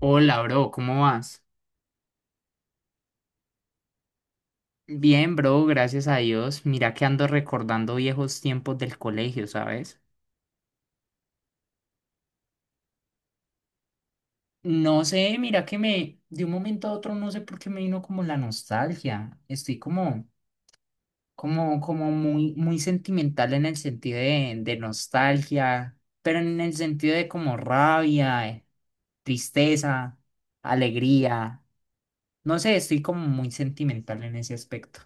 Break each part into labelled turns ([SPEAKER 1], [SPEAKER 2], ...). [SPEAKER 1] Hola, bro, ¿cómo vas? Bien, bro, gracias a Dios. Mira que ando recordando viejos tiempos del colegio, ¿sabes? No sé, mira que me, de un momento a otro, no sé por qué me vino como la nostalgia. Estoy como muy, muy sentimental en el sentido de nostalgia, pero en el sentido de como rabia, tristeza, alegría. No sé, estoy como muy sentimental en ese aspecto.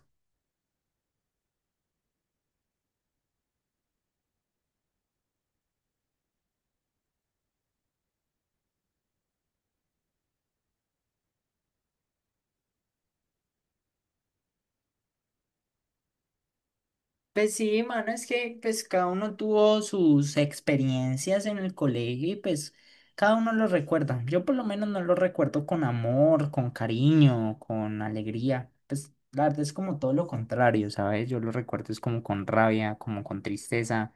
[SPEAKER 1] Pues sí, mano, es que pues cada uno tuvo sus experiencias en el colegio y pues cada uno lo recuerda. Yo por lo menos no lo recuerdo con amor, con cariño, con alegría. Pues la verdad es como todo lo contrario, ¿sabes? Yo lo recuerdo es como con rabia, como con tristeza,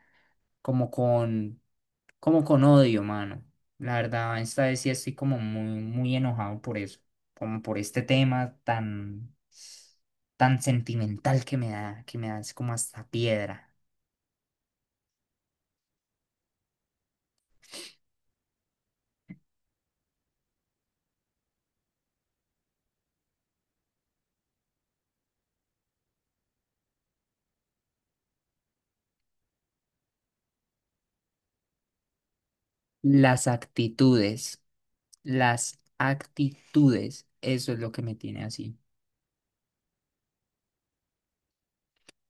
[SPEAKER 1] como con, como con odio, mano. La verdad, esta vez sí estoy como muy, muy enojado por eso, como por este tema tan, tan sentimental que me da es como hasta piedra. Las actitudes, las actitudes, eso es lo que me tiene así.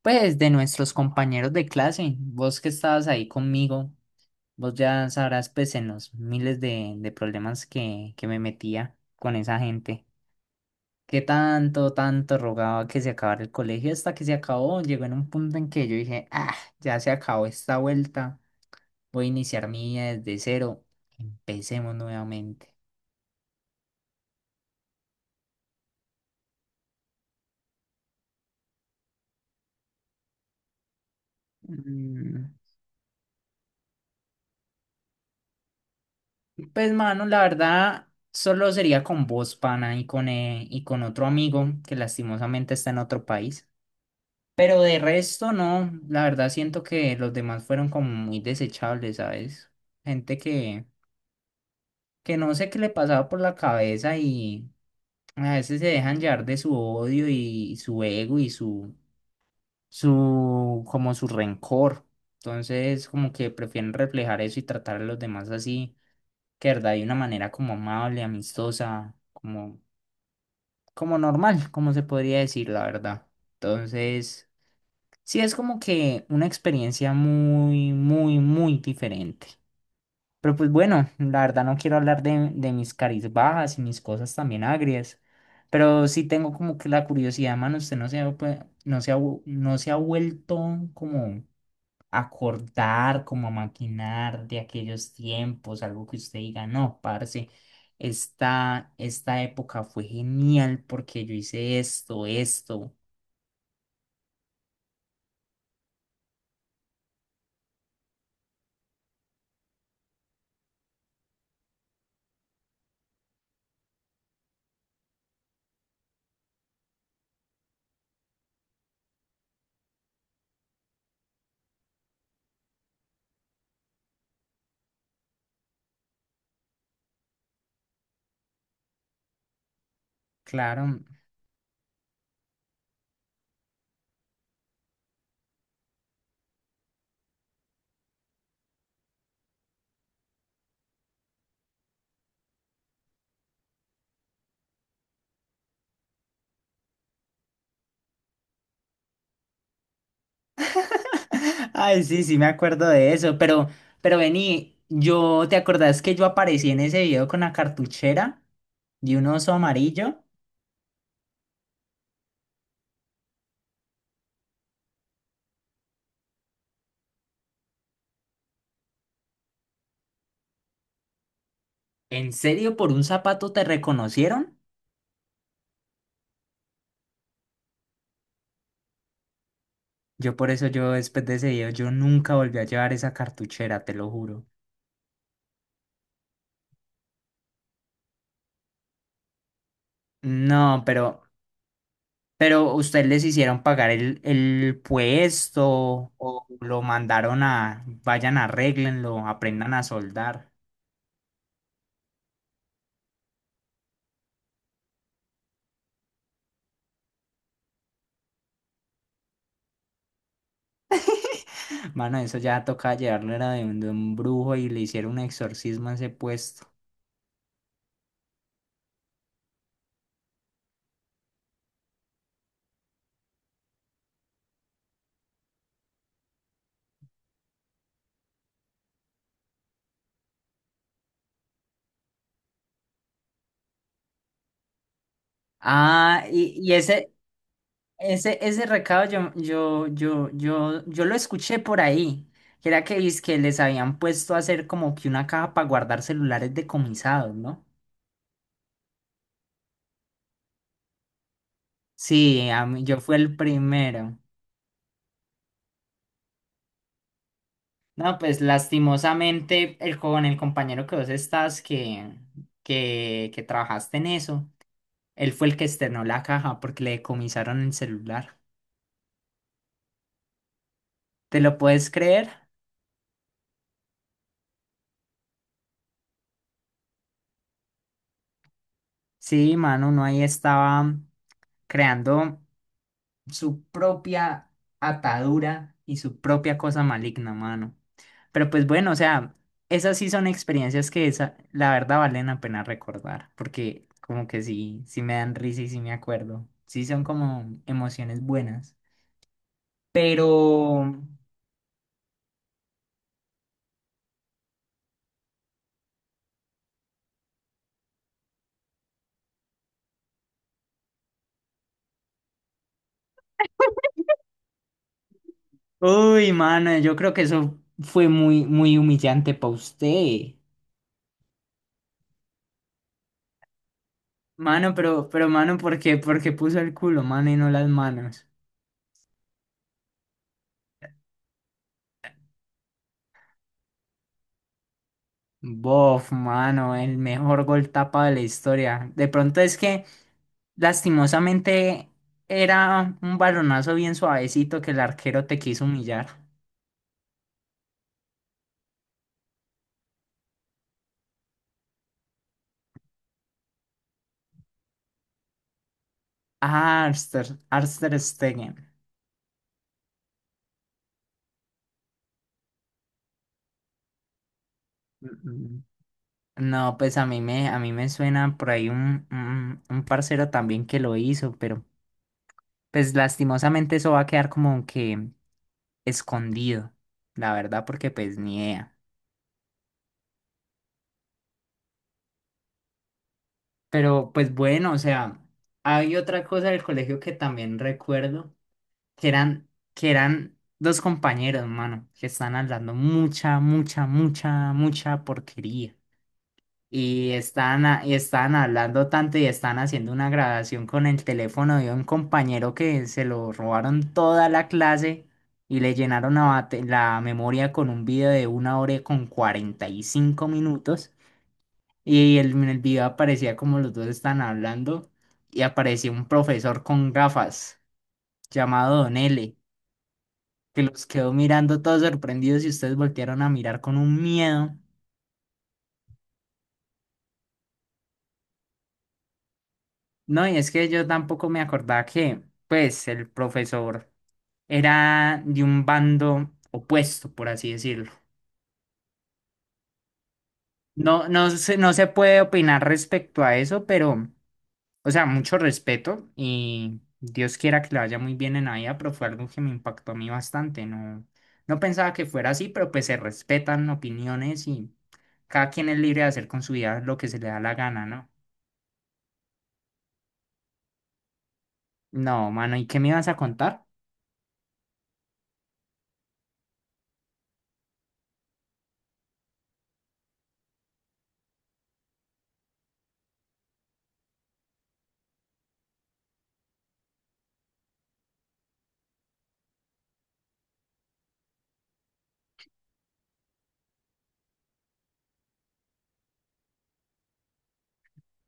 [SPEAKER 1] Pues de nuestros compañeros de clase, vos que estabas ahí conmigo, vos ya sabrás pues en los miles de problemas que me metía con esa gente, que tanto, tanto rogaba que se acabara el colegio hasta que se acabó, llegó en un punto en que yo dije, ah, ya se acabó esta vuelta, voy a iniciar mi vida desde cero, empecemos nuevamente. Mm. Pues, mano, la verdad, solo sería con vos, pana, y con otro amigo que lastimosamente está en otro país. Pero de resto, no. La verdad, siento que los demás fueron como muy desechables, ¿sabes? Gente que no sé qué le pasaba por la cabeza y a veces se dejan llevar de su odio y su ego y su, como su rencor. Entonces, como que prefieren reflejar eso y tratar a los demás así que verdad de una manera como amable, amistosa, como, como normal, como se podría decir, la verdad. Entonces, sí es como que una experiencia muy, muy, muy diferente. Pero pues bueno, la verdad no quiero hablar de mis caries bajas y mis cosas también agrias. Pero sí tengo como que la curiosidad, mano, usted pues, no se ha vuelto como acordar, como a maquinar de aquellos tiempos, algo que usted diga, no, parce, esta época fue genial porque yo hice esto, esto, claro. Ay, sí, sí me acuerdo de eso, pero vení, yo, ¿te acordás que yo aparecí en ese video con la cartuchera y un oso amarillo? ¿En serio por un zapato te reconocieron? Yo por eso yo después de ese video yo nunca volví a llevar esa cartuchera, te lo juro. No, pero ustedes les hicieron pagar el puesto o lo mandaron a, vayan, arréglenlo, aprendan a soldar. Mano, eso ya toca llevarlo era de un brujo y le hicieron un exorcismo a ese puesto. Ah, ese recado yo lo escuché por ahí. Que era que, que les habían puesto a hacer como que una caja para guardar celulares decomisados, ¿no? Sí, a mí- yo fui el primero. No, pues lastimosamente con el compañero que vos estás que trabajaste en eso, él fue el que externó la caja porque le decomisaron el celular. ¿Te lo puedes creer? Sí, mano, uno ahí estaba creando. Su propia atadura y su propia cosa maligna, mano. Pero pues bueno, o sea, esas sí son experiencias que esa, la verdad valen la pena recordar, porque como que sí, sí me dan risa y sí me acuerdo. Sí son como emociones buenas. Pero, uy, mano, yo creo que eso fue muy, muy humillante para usted. Mano, mano, ¿por qué? ¿Por qué puso el culo, mano, y no las manos? Bof, mano, el mejor gol tapa de la historia. De pronto es que, lastimosamente, era un balonazo bien suavecito que el arquero te quiso humillar. Ah, Arster Stegen. Mm, mm. No, pues a mí a mí me suena por ahí un, un parcero también que lo hizo, pero pues lastimosamente eso va a quedar como que escondido, la verdad, porque pues ni idea. Pero pues bueno, o sea, hay otra cosa del colegio que también recuerdo, que eran dos compañeros, mano, que están hablando mucha, mucha, mucha, mucha porquería. Y están hablando tanto y están haciendo una grabación con el teléfono de un compañero que se lo robaron toda la clase y le llenaron la memoria con un video de 1 hora con 45 minutos. Y en el video aparecía como los dos están hablando y apareció un profesor con gafas llamado Don L, que los quedó mirando todos sorprendidos y ustedes voltearon a mirar con un miedo. No, y es que yo tampoco me acordaba que, pues, el profesor era de un bando opuesto, por así decirlo. No, no se puede opinar respecto a eso, pero... O sea, mucho respeto y Dios quiera que le vaya muy bien en la vida, pero fue algo que me impactó a mí bastante. No, no pensaba que fuera así, pero pues se respetan opiniones y cada quien es libre de hacer con su vida lo que se le da la gana, ¿no? No, mano, ¿y qué me ibas a contar?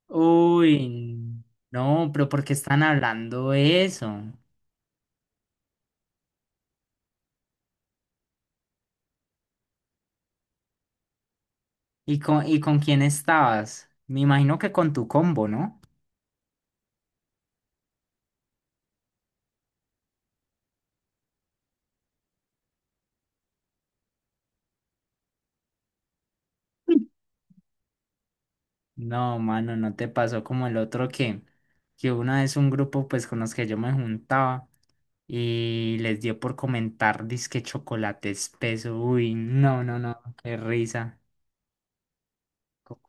[SPEAKER 1] Uy, no, pero ¿por qué están hablando eso? ¿Y y con quién estabas? Me imagino que con tu combo, ¿no? No, mano, no te pasó como el otro que una vez un grupo pues con los que yo me juntaba y les dio por comentar dizque chocolate espeso. Uy, no, no, no, qué risa. Co-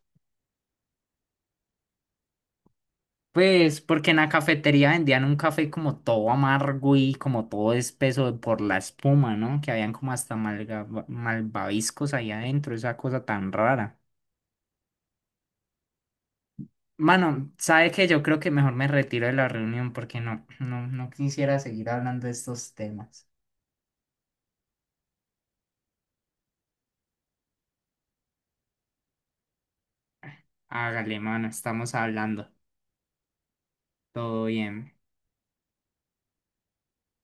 [SPEAKER 1] Pues porque en la cafetería vendían un café como todo amargo y como todo espeso por la espuma, ¿no? Que habían como hasta malvaviscos ahí adentro, esa cosa tan rara. Mano, sabe que yo creo que mejor me retiro de la reunión porque no, no, no quisiera seguir hablando de estos temas. Hágale, mano, estamos hablando. Todo bien.